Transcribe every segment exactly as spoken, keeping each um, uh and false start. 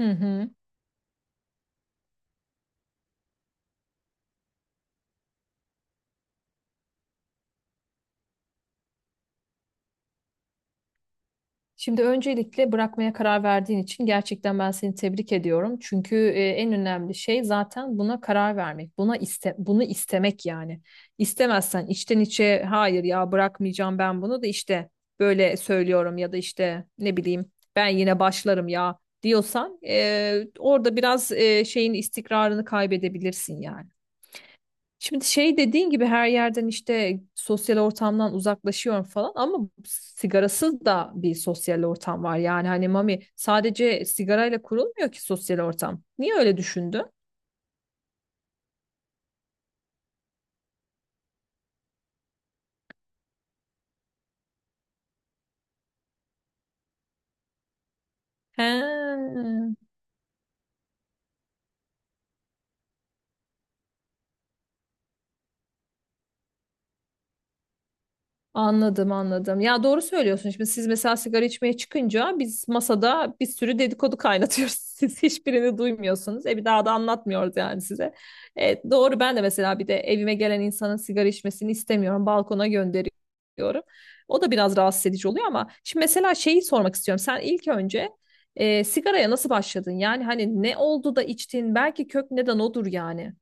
Hı hı. Şimdi öncelikle bırakmaya karar verdiğin için gerçekten ben seni tebrik ediyorum. Çünkü e, en önemli şey zaten buna karar vermek. Buna iste bunu istemek yani. İstemezsen içten içe hayır ya bırakmayacağım ben bunu da işte böyle söylüyorum ya da işte ne bileyim ben yine başlarım ya diyorsan, e, orada biraz e, şeyin istikrarını kaybedebilirsin yani. Şimdi şey dediğin gibi her yerden işte sosyal ortamdan uzaklaşıyorum falan ama sigarasız da bir sosyal ortam var. Yani hani mami sadece sigarayla kurulmuyor ki sosyal ortam. Niye öyle düşündün? He. Anladım anladım. Ya doğru söylüyorsun. Şimdi siz mesela sigara içmeye çıkınca biz masada bir sürü dedikodu kaynatıyoruz. Siz hiçbirini duymuyorsunuz. E bir daha da anlatmıyoruz yani size. E, doğru ben de mesela bir de evime gelen insanın sigara içmesini istemiyorum. Balkona gönderiyorum. O da biraz rahatsız edici oluyor ama şimdi mesela şeyi sormak istiyorum. Sen ilk önce ee, sigaraya nasıl başladın? Yani hani ne oldu da içtin? Belki kök neden odur yani.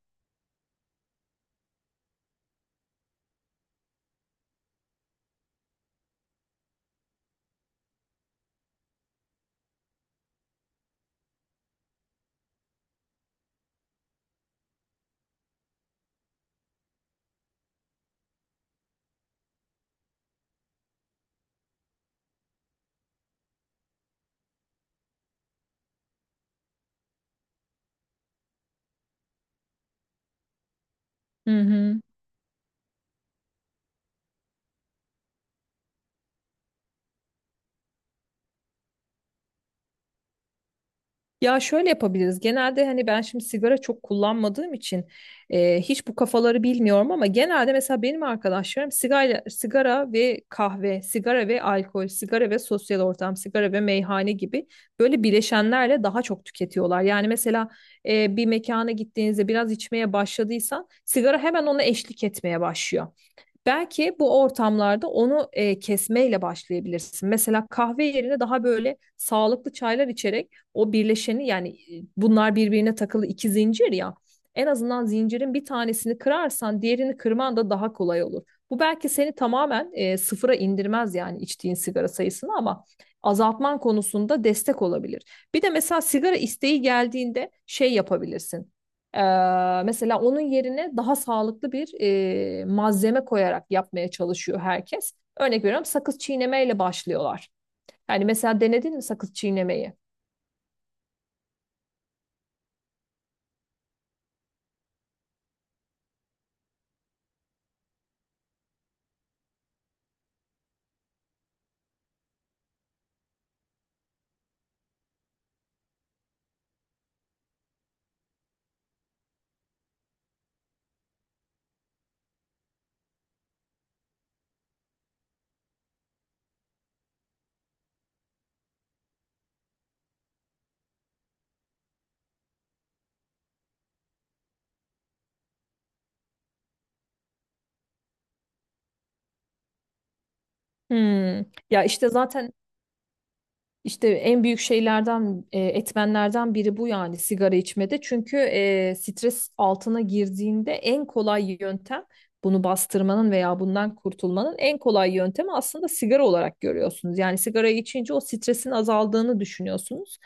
Hı hı. Ya şöyle yapabiliriz. Genelde hani ben şimdi sigara çok kullanmadığım için e, hiç bu kafaları bilmiyorum ama genelde mesela benim arkadaşlarım sigara, sigara ve kahve, sigara ve alkol, sigara ve sosyal ortam, sigara ve meyhane gibi böyle bileşenlerle daha çok tüketiyorlar. Yani mesela, e, bir mekana gittiğinizde biraz içmeye başladıysan sigara hemen ona eşlik etmeye başlıyor. Belki bu ortamlarda onu e, kesmeyle başlayabilirsin. Mesela kahve yerine daha böyle sağlıklı çaylar içerek o birleşeni yani, e, bunlar birbirine takılı iki zincir ya. En azından zincirin bir tanesini kırarsan diğerini kırman da daha kolay olur. Bu belki seni tamamen, e, sıfıra indirmez yani içtiğin sigara sayısını ama azaltman konusunda destek olabilir. Bir de mesela sigara isteği geldiğinde şey yapabilirsin. Eee, mesela onun yerine daha sağlıklı bir eee, malzeme koyarak yapmaya çalışıyor herkes. Örnek veriyorum sakız çiğnemeyle başlıyorlar. Yani mesela denedin mi sakız çiğnemeyi? Hmm. Ya işte zaten İşte en büyük şeylerden, e, etmenlerden biri bu yani sigara içmede. Çünkü, e, stres altına girdiğinde en kolay yöntem bunu bastırmanın veya bundan kurtulmanın en kolay yöntemi aslında sigara olarak görüyorsunuz. Yani sigarayı içince o stresin azaldığını düşünüyorsunuz.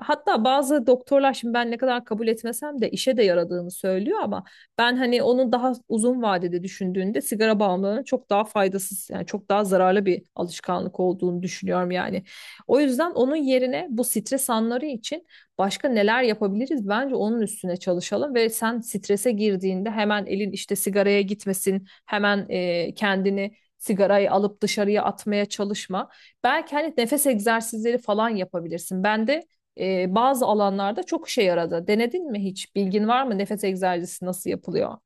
Hatta bazı doktorlar şimdi ben ne kadar kabul etmesem de işe de yaradığını söylüyor ama ben hani onun daha uzun vadede düşündüğünde sigara bağımlılığının çok daha faydasız yani çok daha zararlı bir alışkanlık olduğunu düşünüyorum yani. O yüzden onun yerine bu stres anları için başka neler yapabiliriz? Bence onun üstüne çalışalım ve sen strese girdiğinde hemen elin işte sigaraya gitmesin, hemen, e, kendini sigarayı alıp dışarıya atmaya çalışma. Belki hani nefes egzersizleri falan yapabilirsin. Ben de e, bazı alanlarda çok işe yaradı. Denedin mi hiç? Bilgin var mı? Nefes egzersizi nasıl yapılıyor?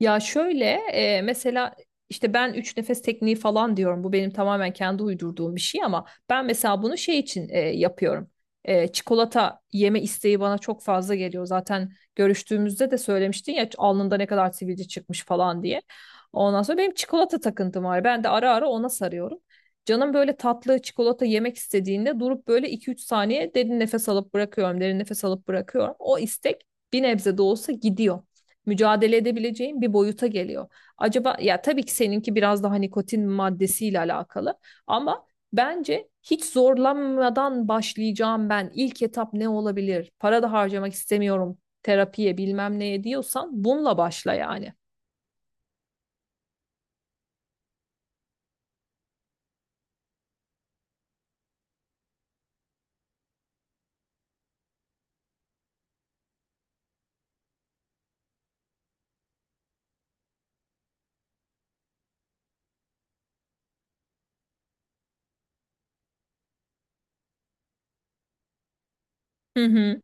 Ya şöyle, e, mesela işte ben üç nefes tekniği falan diyorum. Bu benim tamamen kendi uydurduğum bir şey ama ben mesela bunu şey için e, yapıyorum. E, çikolata yeme isteği bana çok fazla geliyor. Zaten görüştüğümüzde de söylemiştin ya alnında ne kadar sivilce çıkmış falan diye. Ondan sonra benim çikolata takıntım var. Ben de ara ara ona sarıyorum. Canım böyle tatlı çikolata yemek istediğinde durup böyle iki üç saniye derin nefes alıp bırakıyorum, derin nefes alıp bırakıyorum. O istek bir nebze de olsa gidiyor, mücadele edebileceğin bir boyuta geliyor. Acaba, ya tabii ki seninki biraz daha nikotin maddesiyle alakalı ama bence hiç zorlanmadan başlayacağım ben. İlk etap ne olabilir? Para da harcamak istemiyorum terapiye bilmem neye diyorsan bununla başla yani. Hı hı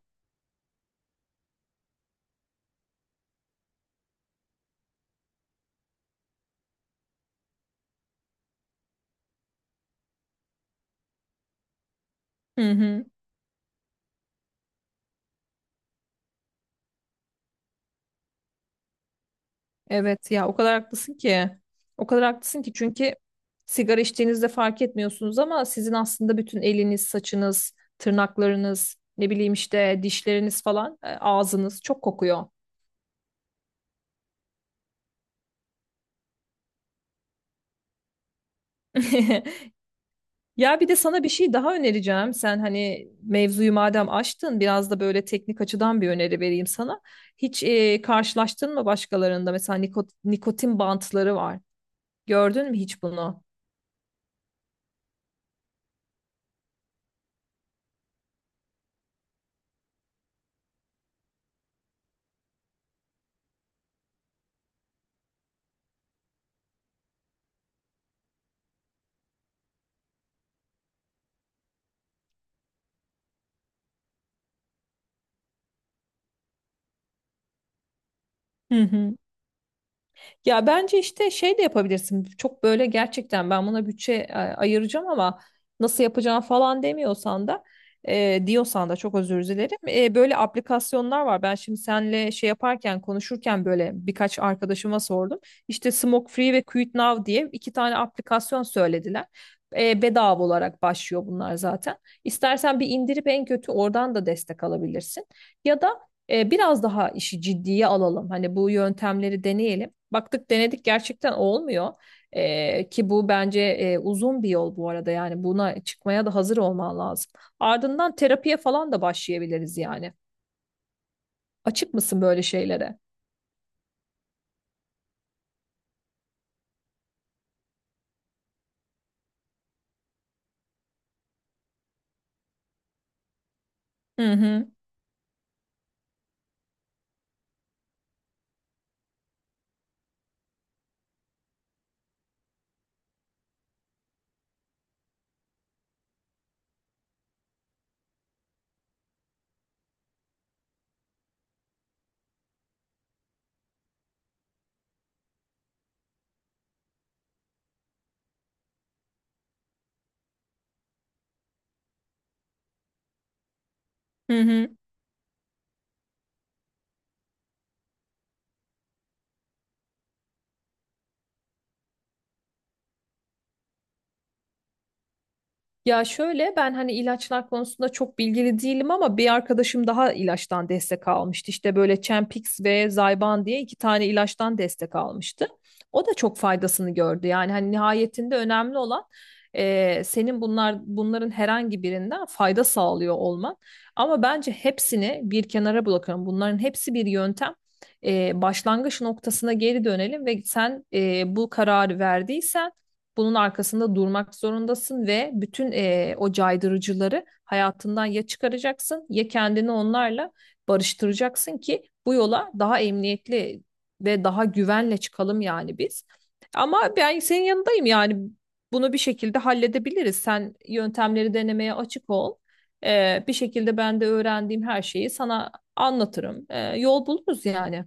hı hı. Evet ya o kadar haklısın ki. O kadar haklısın ki çünkü sigara içtiğinizde fark etmiyorsunuz ama sizin aslında bütün eliniz, saçınız, tırnaklarınız, ne bileyim işte dişleriniz falan, e, ağzınız çok kokuyor. Ya bir de sana bir şey daha önereceğim. Sen hani mevzuyu madem açtın biraz da böyle teknik açıdan bir öneri vereyim sana. Hiç, e, karşılaştın mı başkalarında? Mesela nikot- nikotin bantları var. Gördün mü hiç bunu? Hı hı. Ya bence işte şey de yapabilirsin. Çok böyle gerçekten ben buna bütçe, e, ayıracağım ama nasıl yapacağım falan demiyorsan da, e, diyorsan da çok özür dilerim. E, böyle aplikasyonlar var. Ben şimdi senle şey yaparken konuşurken böyle birkaç arkadaşıma sordum. İşte Smoke Free ve Quit Now diye iki tane aplikasyon söylediler. E, bedava olarak başlıyor bunlar zaten. İstersen bir indirip en kötü oradan da destek alabilirsin. Ya da, e, biraz daha işi ciddiye alalım. Hani bu yöntemleri deneyelim. Baktık denedik gerçekten olmuyor. Ee, ki bu bence, e, uzun bir yol bu arada yani buna çıkmaya da hazır olman lazım. Ardından terapiye falan da başlayabiliriz yani. Açık mısın böyle şeylere? Hı hı. Hı hı. Ya şöyle ben hani ilaçlar konusunda çok bilgili değilim ama bir arkadaşım daha ilaçtan destek almıştı. İşte böyle Champix ve Zyban diye iki tane ilaçtan destek almıştı. O da çok faydasını gördü. Yani hani nihayetinde önemli olan eee, senin bunlar bunların herhangi birinden fayda sağlıyor olman. Ama bence hepsini bir kenara bırakalım. Bunların hepsi bir yöntem. Eee, başlangıç noktasına geri dönelim ve sen, eee, bu kararı verdiysen bunun arkasında durmak zorundasın ve bütün eee, o caydırıcıları hayatından ya çıkaracaksın ya kendini onlarla barıştıracaksın ki bu yola daha emniyetli ve daha güvenle çıkalım yani biz. Ama ben senin yanındayım yani bunu bir şekilde halledebiliriz. Sen yöntemleri denemeye açık ol. Eee, bir şekilde ben de öğrendiğim her şeyi sana anlatırım. Eee, yol buluruz yani.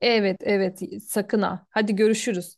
Evet, evet, sakın ha. Hadi görüşürüz.